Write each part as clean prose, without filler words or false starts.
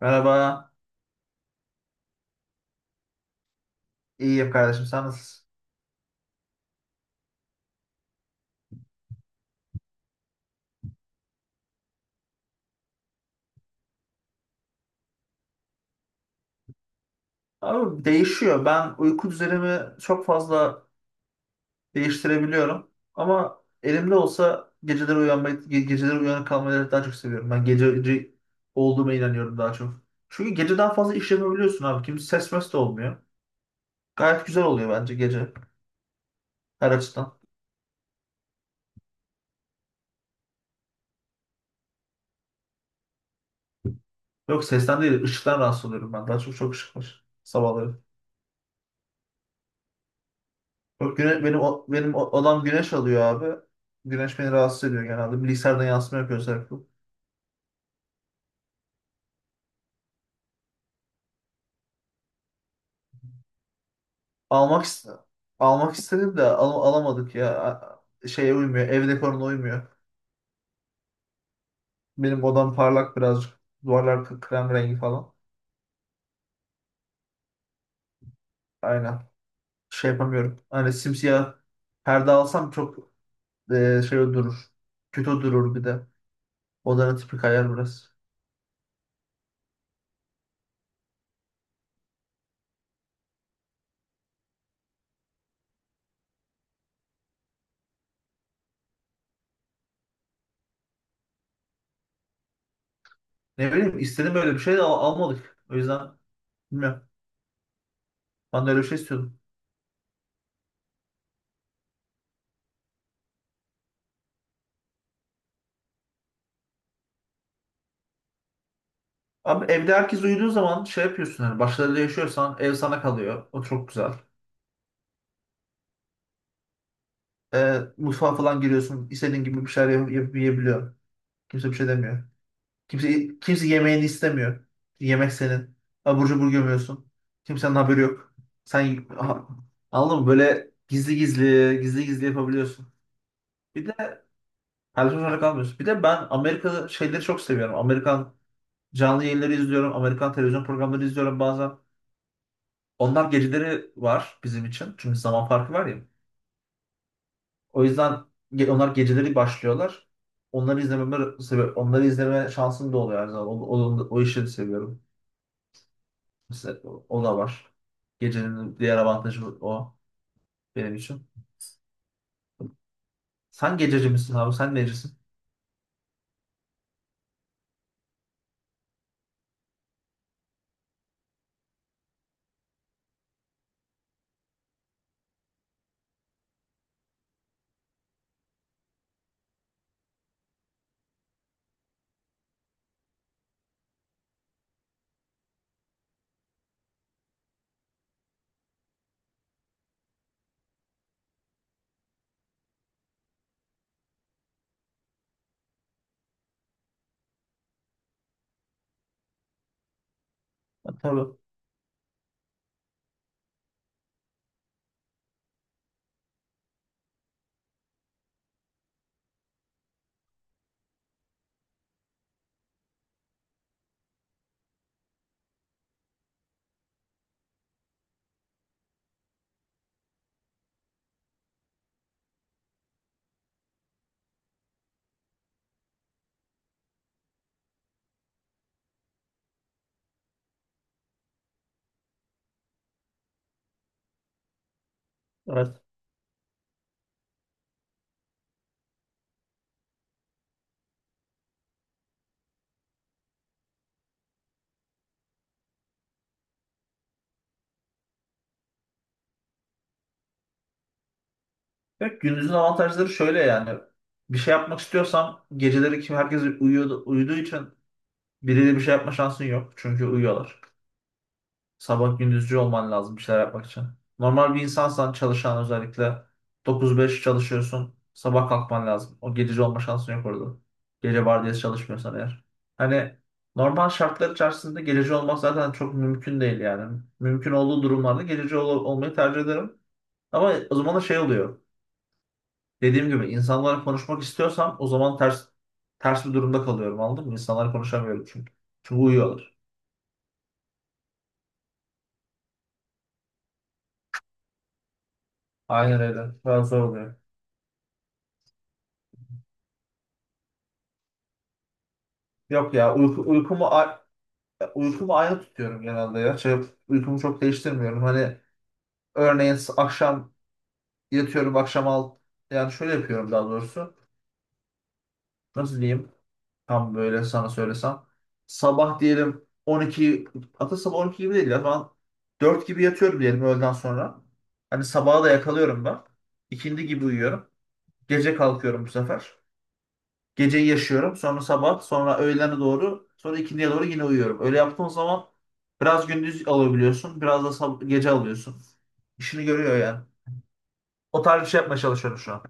Merhaba. İyiyim kardeşim. Sen nasılsın? Abi değişiyor. Ben uyku düzenimi çok fazla değiştirebiliyorum. Ama elimde olsa geceleri uyanmayı, geceleri uyanık kalmayı daha çok seviyorum. Ben gececi olduğuma inanıyorum daha çok. Çünkü geceden fazla iş yapabiliyorsun abi. Kimse ses mes de olmuyor. Gayet güzel oluyor bence gece her açıdan. Yok, sesten değil, ışıktan rahatsız oluyorum ben. Daha çok ışık var sabahları. Yok güne, benim odam güneş alıyor abi. Güneş beni rahatsız ediyor genelde. Bilgisayardan yansıma yapıyor sürekli. Almak ist- almak istedim de alamadık ya. Şeye uymuyor. Ev dekoruna uymuyor. Benim odam parlak birazcık. Duvarlar krem rengi falan. Aynen. Şey yapamıyorum. Hani simsiyah perde alsam çok şey durur. Kötü durur bir de. Odanın tipi kayar biraz. Ne bileyim istedim böyle bir şey de almadık. O yüzden bilmiyorum. Ben de öyle bir şey istiyordum. Abi evde herkes uyuduğu zaman şey yapıyorsun, hani başkalarıyla yaşıyorsan ev sana kalıyor. O çok güzel. Mutfağa falan giriyorsun, istediğin gibi bir şeyler yapıp yiyebiliyor. Kimse bir şey demiyor. Kimse yemeğini istemiyor. Yemek senin. Abur cubur gömüyorsun. Kimsenin haberi yok. Sen aha, anladın mı? Böyle gizli gizli, gizli gizli yapabiliyorsun. Bir de televizyonda kalmıyorsun. Bir de ben Amerika şeyleri çok seviyorum. Amerikan canlı yayınları izliyorum. Amerikan televizyon programları izliyorum bazen. Onlar geceleri var bizim için. Çünkü zaman farkı var ya. O yüzden onlar geceleri başlıyorlar. Onları izlememe sebep, onları izleme şansım da oluyor her zaman. O işi de seviyorum. Mesela o da var. Gecenin diğer avantajı o benim için. Sen gececi misin abi? Sen necisin? Ha, tabii. Evet. Evet, gündüzün avantajları şöyle yani. Bir şey yapmak istiyorsan geceleri kim herkes uyuyordu, uyuduğu için biriyle bir şey yapma şansın yok. Çünkü uyuyorlar. Sabah gündüzcü olman lazım bir şeyler yapmak için. Normal bir insansan, çalışan özellikle, 9-5 çalışıyorsun. Sabah kalkman lazım. O gececi olma şansın yok orada. Gece vardiyası çalışmıyorsan eğer. Hani normal şartlar içerisinde gececi olmak zaten çok mümkün değil yani. Mümkün olduğu durumlarda gececi olmayı tercih ederim. Ama o zaman da şey oluyor. Dediğim gibi insanlarla konuşmak istiyorsam o zaman ters bir durumda kalıyorum, anladın mı? İnsanlarla konuşamıyorum çünkü. Çünkü uyuyorlar. Aynen öyle. Biraz zor oluyor. Yok ya uyku, uykumu Ya, uykumu aynı tutuyorum genelde ya. Uykumu çok değiştirmiyorum. Hani örneğin akşam yatıyorum akşam al. Yani şöyle yapıyorum daha doğrusu. Nasıl diyeyim? Tam böyle sana söylesem. Sabah diyelim 12 hatta Sabah 12 gibi değil ya. Ben 4 gibi yatıyorum diyelim öğleden sonra. Hani sabaha da yakalıyorum ben. İkindi gibi uyuyorum. Gece kalkıyorum bu sefer. Geceyi yaşıyorum. Sonra sabah, sonra öğlene doğru, sonra ikindiye doğru yine uyuyorum. Öyle yaptığın zaman biraz gündüz alabiliyorsun, biraz da gece alıyorsun. İşini görüyor yani. O tarz bir şey yapmaya çalışıyorum şu an.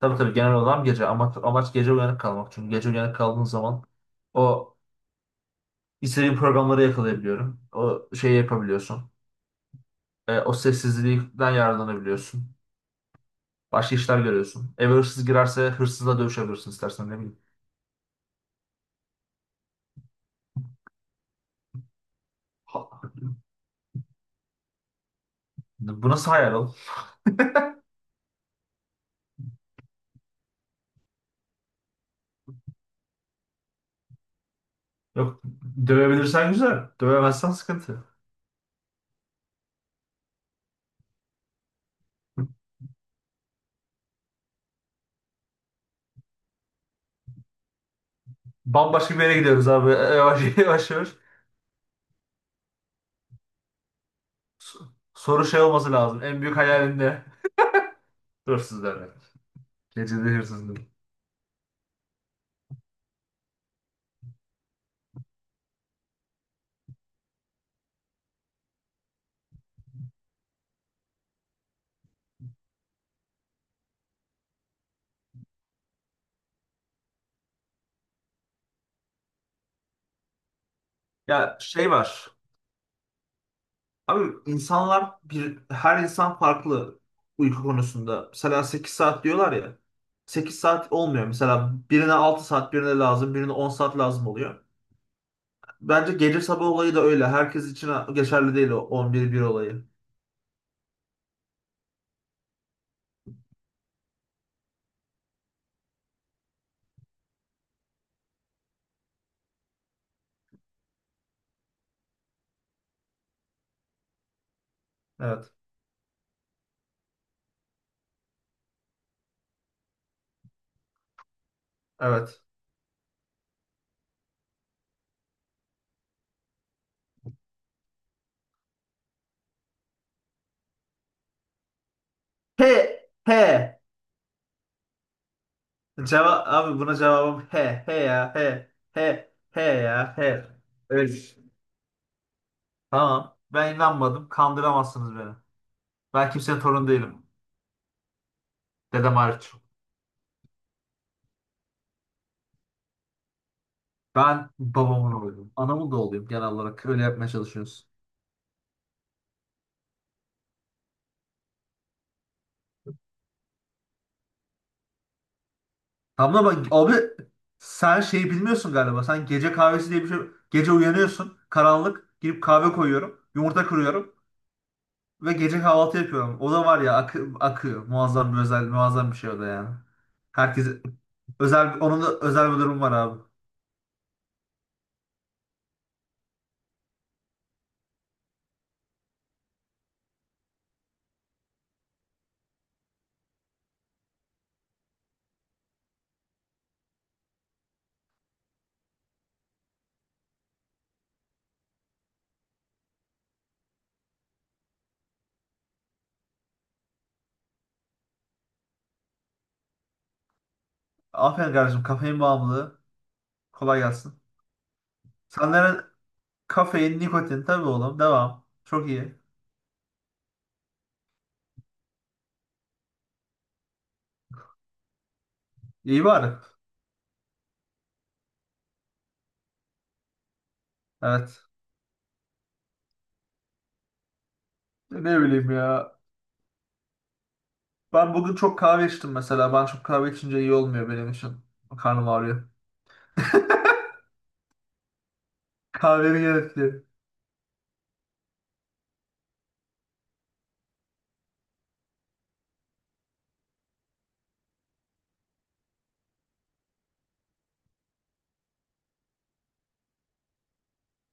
Tabii tabii, genel olarak gece. Ama amaç gece uyanık kalmak. Çünkü gece uyanık kaldığın zaman o istediğin programları yakalayabiliyorum. O şeyi yapabiliyorsun. O sessizlikten yararlanabiliyorsun. Başka işler görüyorsun. Eve hırsız girerse hırsızla dövüşebilirsin istersen ne bileyim. Ha- Bu nasıl hayal. Yok, dövebilirsen güzel. Dövemezsen sıkıntı. Bambaşka bir yere gidiyoruz abi. Yavaş yavaş yavaş. So- Soru şey olması lazım. En büyük hayalin ne? Hırsız demek. Gecede hırsız demek. Ya şey var. Abi insanlar bir, her insan farklı uyku konusunda. Mesela 8 saat diyorlar ya. 8 saat olmuyor. Mesela birine 6 saat, birine lazım, birine 10 saat lazım oluyor. Bence gece sabah olayı da öyle. Herkes için geçerli değil o 11-1 olayı. Evet. Evet. He, he. Cevap, abi buna cevabım he he ya he, he he ya he. Öyle. Tamam. Ben inanmadım. Kandıramazsınız beni. Ben kimsenin torunu değilim. Dedem hariç. Ben babamın oğluyum. Anamın da oğluyum genel olarak. Öyle yapmaya çalışıyoruz. Tamam ama abi sen şeyi bilmiyorsun galiba. Sen gece kahvesi diye bir şey. Gece uyanıyorsun. Karanlık. Girip kahve koyuyorum. Yumurta kırıyorum. Ve gece kahvaltı yapıyorum. O da var ya, akıyor. Muazzam bir şey o da yani. Herkes özel, onun da özel bir durum var abi. Aferin kardeşim, kafein bağımlılığı. Kolay gelsin. Senlerin kafein, nikotin tabii oğlum. Devam. Çok iyi. İyi bari. Evet. Ne bileyim ya. Ben bugün çok kahve içtim mesela. Ben çok kahve içince iyi olmuyor benim için. Karnım ağrıyor. Kahvenin gerekli.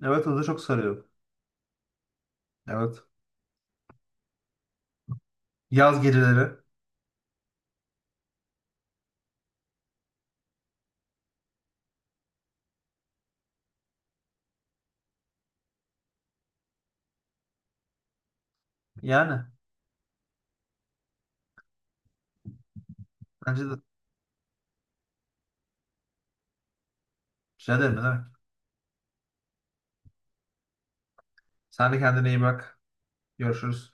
Evet, o da çok sarıyor. Evet. Yaz geceleri. Yani. Bence de. Rica ederim, ne demek. Sen de kendine iyi bak. Görüşürüz.